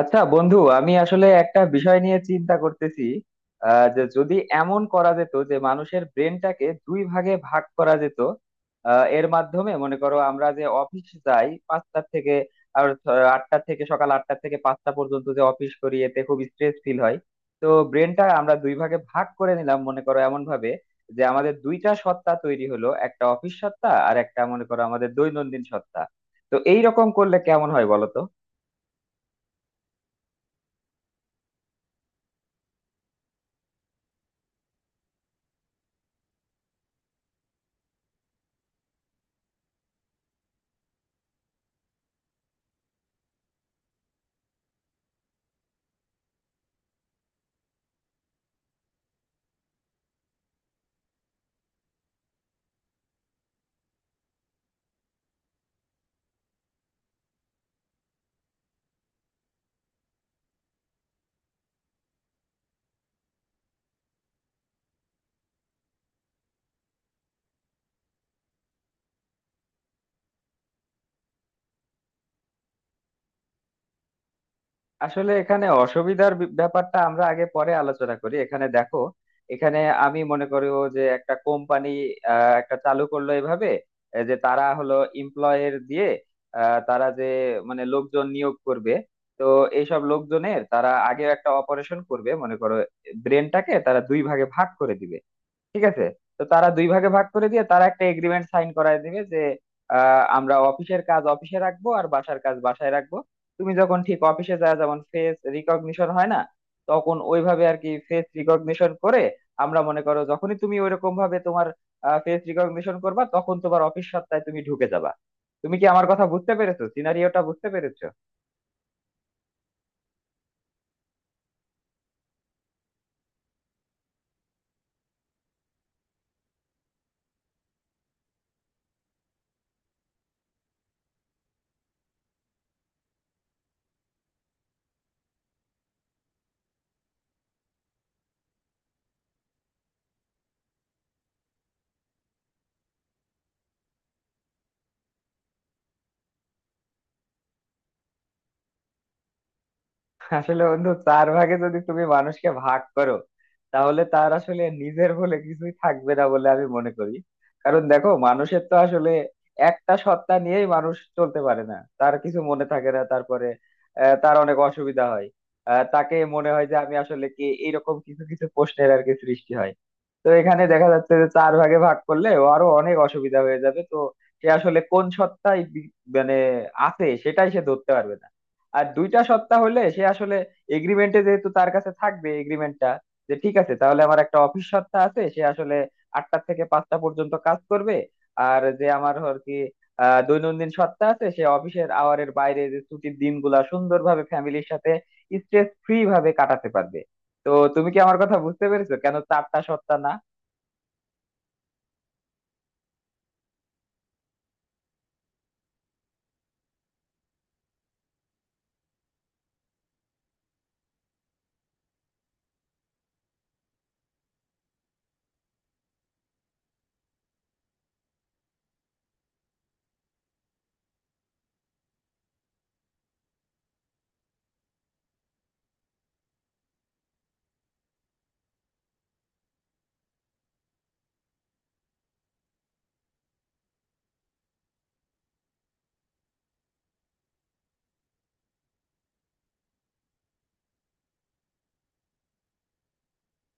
আচ্ছা বন্ধু, আমি আসলে একটা বিষয় নিয়ে চিন্তা করতেছি যে যদি এমন করা যেত যে মানুষের ব্রেনটাকে দুই ভাগে ভাগ করা যেত। এর মাধ্যমে মনে করো আমরা যে অফিস যাই 5টা থেকে, আর 8টা থেকে, সকাল 8টা থেকে 5টা পর্যন্ত যে অফিস করি এতে খুব স্ট্রেস ফিল হয়। তো ব্রেনটা আমরা দুই ভাগে ভাগ করে নিলাম মনে করো, এমন ভাবে যে আমাদের দুইটা সত্তা তৈরি হলো, একটা অফিস সত্তা আর একটা মনে করো আমাদের দৈনন্দিন সত্তা। তো এইরকম করলে কেমন হয় বলো তো? আসলে এখানে অসুবিধার ব্যাপারটা আমরা আগে পরে আলোচনা করি। এখানে দেখো, এখানে আমি মনে করি ও যে একটা কোম্পানি একটা চালু করলো এভাবে, যে তারা হলো এমপ্লয়ের দিয়ে তারা যে মানে লোকজন নিয়োগ করবে। তো এইসব লোকজনের তারা আগে একটা অপারেশন করবে মনে করো, ব্রেনটাকে তারা দুই ভাগে ভাগ করে দিবে, ঠিক আছে। তো তারা দুই ভাগে ভাগ করে দিয়ে তারা একটা এগ্রিমেন্ট সাইন করায় দিবে যে আমরা অফিসের কাজ অফিসে রাখবো আর বাসার কাজ বাসায় রাখবো। তুমি যখন ঠিক অফিসে যায় যেমন ফেস রিকগনিশন হয় না, তখন ওইভাবে আর কি ফেস রিকগনিশন করে। আমরা মনে করো যখনই তুমি ওইরকম ভাবে তোমার ফেস রিকগনিশন করবা তখন তোমার অফিস সত্তায় তুমি ঢুকে যাবা। তুমি কি আমার কথা বুঝতে পেরেছো? সিনারিওটা বুঝতে পেরেছো? আসলে বন্ধু, চার ভাগে যদি তুমি মানুষকে ভাগ করো তাহলে তার আসলে নিজের বলে কিছুই থাকবে না বলে আমি মনে করি। কারণ দেখো, মানুষের তো আসলে একটা সত্তা নিয়েই মানুষ চলতে পারে না, তার কিছু মনে থাকে না। তারপরে তার অনেক অসুবিধা হয়। তাকে মনে হয় যে আমি আসলে কে, এরকম কিছু কিছু প্রশ্নের আর কি সৃষ্টি হয়। তো এখানে দেখা যাচ্ছে যে চার ভাগে ভাগ করলে ও আরো অনেক অসুবিধা হয়ে যাবে। তো সে আসলে কোন সত্তায় মানে আছে সেটাই সে ধরতে পারবে না। আর দুইটা সপ্তাহ হলে সে আসলে এগ্রিমেন্টে যেহেতু তার কাছে থাকবে এগ্রিমেন্টটা, যে ঠিক আছে তাহলে আমার একটা অফিস সপ্তাহ আছে, সে আসলে 8টা থেকে পাঁচটা পর্যন্ত কাজ করবে। আর যে আমার আর কি দৈনন্দিন সপ্তাহ আছে সে অফিসের আওয়ারের বাইরে যে ছুটির দিনগুলা সুন্দরভাবে ফ্যামিলির সাথে স্ট্রেস ফ্রি ভাবে কাটাতে পারবে। তো তুমি কি আমার কথা বুঝতে পেরেছো কেন চারটা সপ্তাহ না?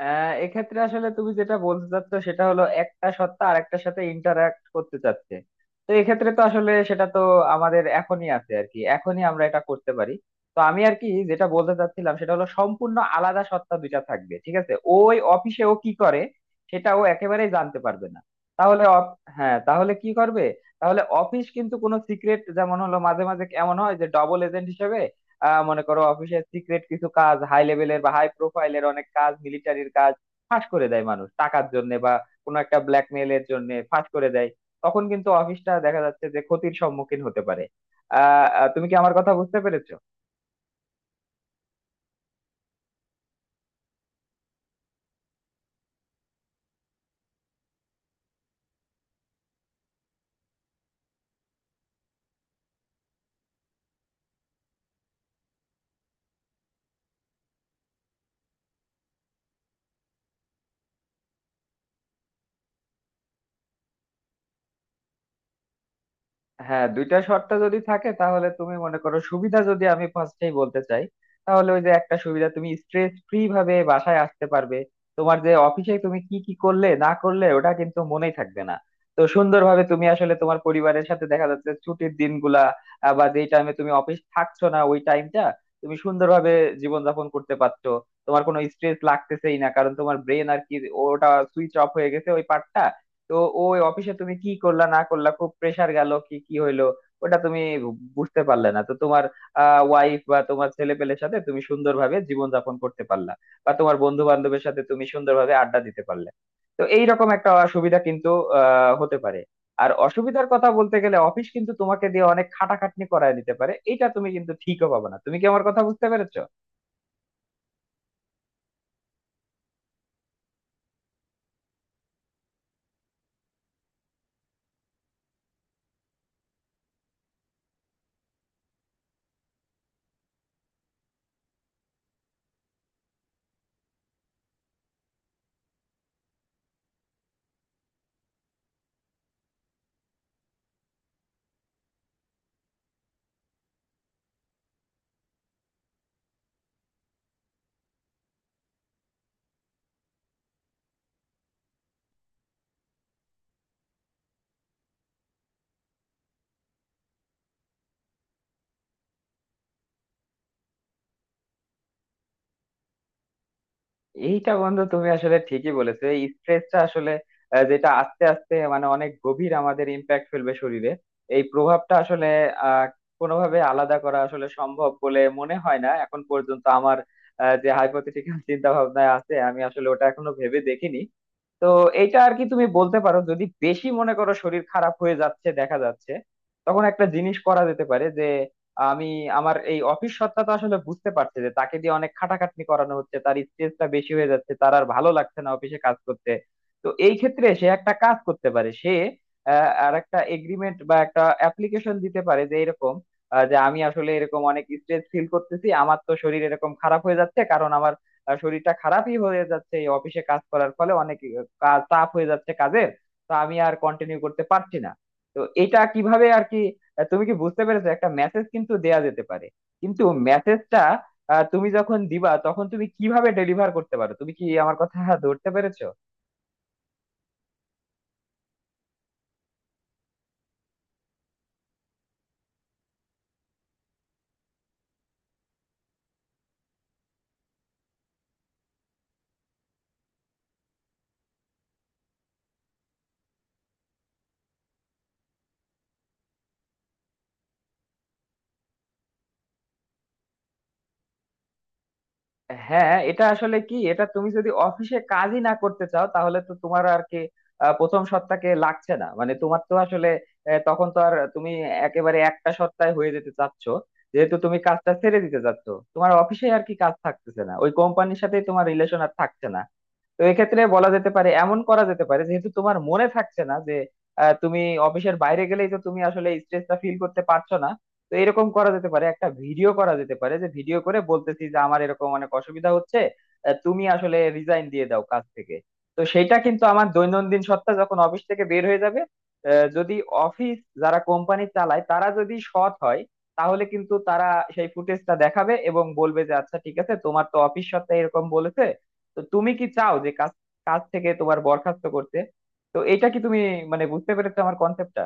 এক্ষেত্রে আসলে তুমি যেটা বলতে চাচ্ছ সেটা হলো একটা সত্তা আর একটার সাথে ইন্টারাক্ট করতে চাচ্ছে। তো এক্ষেত্রে তো আসলে সেটা তো আমাদের এখনই আছে আর কি, এখনই আমরা এটা করতে পারি। তো আমি আর কি যেটা বলতে চাচ্ছিলাম সেটা হলো সম্পূর্ণ আলাদা সত্তা দুইটা থাকবে, ঠিক আছে। ওই অফিসে ও কি করে সেটা ও একেবারেই জানতে পারবে না। তাহলে হ্যাঁ, তাহলে কি করবে? তাহলে অফিস কিন্তু কোনো সিক্রেট, যেমন হলো মাঝে মাঝে এমন হয় যে ডবল এজেন্ট হিসেবে মনে করো অফিসের সিক্রেট কিছু কাজ, হাই লেভেলের বা হাই প্রোফাইলের অনেক কাজ, মিলিটারির কাজ ফাঁস করে দেয় মানুষ টাকার জন্য বা কোনো একটা ব্ল্যাকমেইলের জন্য ফাঁস করে দেয়। তখন কিন্তু অফিসটা দেখা যাচ্ছে যে ক্ষতির সম্মুখীন হতে পারে। আহ আহ, তুমি কি আমার কথা বুঝতে পেরেছো? হ্যাঁ, দুইটা শর্ত যদি থাকে তাহলে তুমি মনে করো, সুবিধা যদি আমি ফার্স্টেই বলতে চাই তাহলে ওই যে একটা সুবিধা, তুমি স্ট্রেস ফ্রি ভাবে বাসায় আসতে পারবে। তোমার যে অফিসে তুমি কি কি করলে না করলে ওটা কিন্তু মনেই থাকবে না। তো সুন্দরভাবে তুমি আসলে তোমার পরিবারের সাথে দেখা যাচ্ছে ছুটির দিনগুলা, বা যেই টাইমে তুমি অফিস থাকছো না ওই টাইমটা তুমি সুন্দরভাবে জীবনযাপন করতে পারছো। তোমার কোনো স্ট্রেস লাগতেছেই না, কারণ তোমার ব্রেন আর কি ওটা সুইচ অফ হয়ে গেছে, ওই পার্টটা। তো ওই অফিসে তুমি কি করলা না করলা, খুব প্রেসার গেল, কি কি হইলো, ওটা তুমি বুঝতে পারলে না। তো তোমার ওয়াইফ বা তোমার ছেলে পেলের সাথে তুমি সুন্দরভাবে জীবনযাপন করতে পারলা, বা তোমার বন্ধু বান্ধবের সাথে তুমি সুন্দরভাবে আড্ডা দিতে পারলে। তো এইরকম একটা অসুবিধা কিন্তু হতে পারে। আর অসুবিধার কথা বলতে গেলে, অফিস কিন্তু তোমাকে দিয়ে অনেক খাটাখাটনি করায় দিতে পারে, এটা তুমি কিন্তু ঠিকও পাবে না। তুমি কি আমার কথা বুঝতে পেরেছো? এইটা বন্ধু তুমি আসলে ঠিকই বলেছো, এই স্ট্রেসটা আসলে যেটা আস্তে আস্তে মানে অনেক গভীর আমাদের ইম্প্যাক্ট ফেলবে শরীরে। এই প্রভাবটা আসলে আহ কোনোভাবে আলাদা করা আসলে সম্ভব বলে মনে হয় না এখন পর্যন্ত আমার। যে হাইপোথেটিক্যাল চিন্তা ভাবনায় আছে আমি আসলে ওটা এখনো ভেবে দেখিনি। তো এইটা আর কি তুমি বলতে পারো, যদি বেশি মনে করো শরীর খারাপ হয়ে যাচ্ছে দেখা যাচ্ছে, তখন একটা জিনিস করা যেতে পারে যে আমি আমার এই অফিস সত্তা তো আসলে বুঝতে পারছে যে তাকে দিয়ে অনেক খাটাখাটনি করানো হচ্ছে, তার স্ট্রেসটা বেশি হয়ে যাচ্ছে, তার আর ভালো লাগছে না অফিসে কাজ করতে। তো এই ক্ষেত্রে সে একটা কাজ করতে পারে, সে আর একটা এগ্রিমেন্ট বা একটা অ্যাপ্লিকেশন দিতে পারে যে এরকম যে আমি আসলে এরকম অনেক স্ট্রেস ফিল করতেছি, আমার তো শরীর এরকম খারাপ হয়ে যাচ্ছে, কারণ আমার শরীরটা খারাপই হয়ে যাচ্ছে এই অফিসে কাজ করার ফলে, অনেক কাজ চাপ হয়ে যাচ্ছে কাজের, তো আমি আর কন্টিনিউ করতে পারছি না। তো এটা কিভাবে আর কি, তুমি কি বুঝতে পেরেছো, একটা মেসেজ কিন্তু দেয়া যেতে পারে। কিন্তু মেসেজটা তুমি যখন দিবা তখন তুমি কিভাবে ডেলিভার করতে পারো? তুমি কি আমার কথা ধরতে পেরেছো? হ্যাঁ এটা আসলে কি, এটা তুমি যদি অফিসে কাজই না করতে চাও তাহলে তো তোমার আর কি প্রথম সপ্তাহে লাগছে না, মানে তোমার তো আসলে তখন তো আর তুমি একেবারে একটা সপ্তাহে হয়ে যেতে চাচ্ছ, যেহেতু তুমি কাজটা ছেড়ে দিতে চাচ্ছ, তোমার অফিসে আর কি কাজ থাকতেছে না, ওই কোম্পানির সাথেই তোমার রিলেশন আর থাকছে না। তো এক্ষেত্রে বলা যেতে পারে, এমন করা যেতে পারে, যেহেতু তোমার মনে থাকছে না যে তুমি অফিসের বাইরে গেলেই তো তুমি আসলে স্ট্রেসটা ফিল করতে পারছো না। তো এরকম করা যেতে পারে একটা ভিডিও করা যেতে পারে, যে ভিডিও করে বলতেছি যে আমার এরকম অনেক অসুবিধা হচ্ছে, তুমি আসলে রিজাইন দিয়ে দাও কাজ থেকে। তো সেটা কিন্তু আমার দৈনন্দিন সত্তা যখন অফিস থেকে বের হয়ে যাবে, যদি অফিস যারা কোম্পানি চালায় তারা যদি সৎ হয় তাহলে কিন্তু তারা সেই ফুটেজটা দেখাবে এবং বলবে যে আচ্ছা ঠিক আছে, তোমার তো অফিস সত্তা এরকম বলেছে। তো তুমি কি চাও যে কাজ কাজ থেকে তোমার বরখাস্ত করতে? তো এটা কি তুমি মানে বুঝতে পেরেছো আমার কনসেপ্টটা?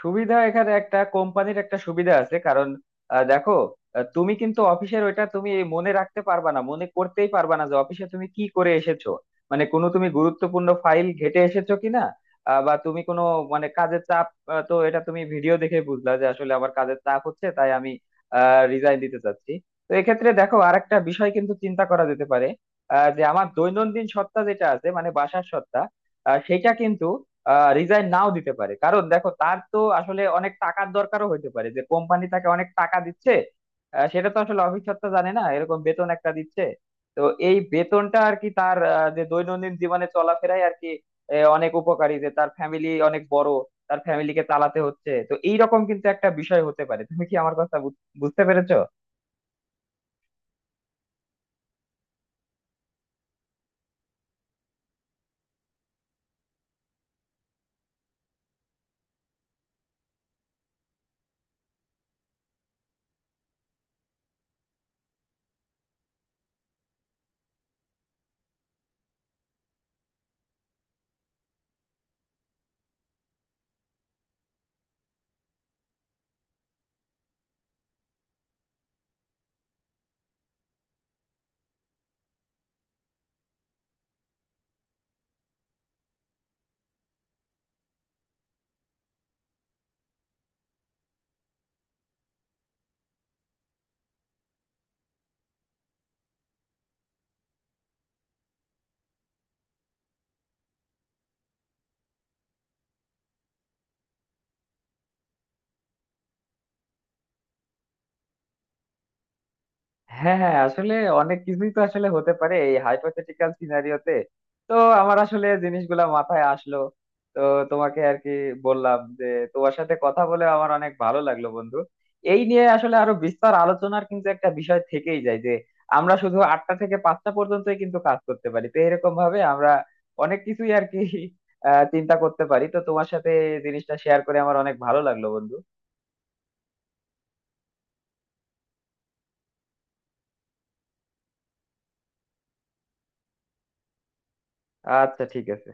সুবিধা এখানে একটা কোম্পানির একটা সুবিধা আছে, কারণ দেখো তুমি কিন্তু অফিসের ওইটা তুমি মনে রাখতে পারবা না, মনে করতেই পারবা না যে অফিসে তুমি কি করে এসেছো, মানে কোনো তুমি গুরুত্বপূর্ণ ফাইল ঘেটে এসেছো কিনা, বা তুমি কোনো, মানে কাজের চাপ, তো এটা তুমি ভিডিও দেখে বুঝলা যে আসলে আমার কাজের চাপ হচ্ছে, তাই আমি রিজাইন দিতে চাচ্ছি। তো এক্ষেত্রে দেখো আরেকটা বিষয় কিন্তু চিন্তা করা যেতে পারে, যে আমার দৈনন্দিন সত্তা যেটা আছে মানে বাসার সত্তা, সেটা কিন্তু রিজাইন নাও দিতে পারে। কারণ দেখো তার তো আসলে অনেক টাকার দরকারও হইতে পারে, যে কোম্পানি তাকে অনেক টাকা দিচ্ছে, সেটা তো আসলে অফিস সত্ত্বা জানে না এরকম বেতন একটা দিচ্ছে। তো এই বেতনটা আর কি তার যে দৈনন্দিন জীবনে চলাফেরায় আর কি অনেক উপকারী, যে তার ফ্যামিলি অনেক বড়, তার ফ্যামিলিকে চালাতে হচ্ছে। তো এইরকম কিন্তু একটা বিষয় হতে পারে। তুমি কি আমার কথা বুঝতে পেরেছো? হ্যাঁ, হ্যাঁ, আসলে অনেক কিছুই তো আসলে হতে পারে এই হাইপোথেটিক্যাল সিনারিওতে। তো আমার আসলে জিনিসগুলা মাথায় আসলো, তো তোমাকে আর কি বললাম যে তোমার সাথে কথা বলে আমার অনেক ভালো লাগলো বন্ধু। এই নিয়ে আসলে আরো বিস্তর আলোচনার কিন্তু একটা বিষয় থেকেই যায়, যে আমরা শুধু 8টা থেকে পাঁচটা পর্যন্তই কিন্তু কাজ করতে পারি। তো এরকম ভাবে আমরা অনেক কিছুই আর কি চিন্তা করতে পারি। তো তোমার সাথে এই জিনিসটা শেয়ার করে আমার অনেক ভালো লাগলো বন্ধু। আচ্ছা, ঠিক আছে।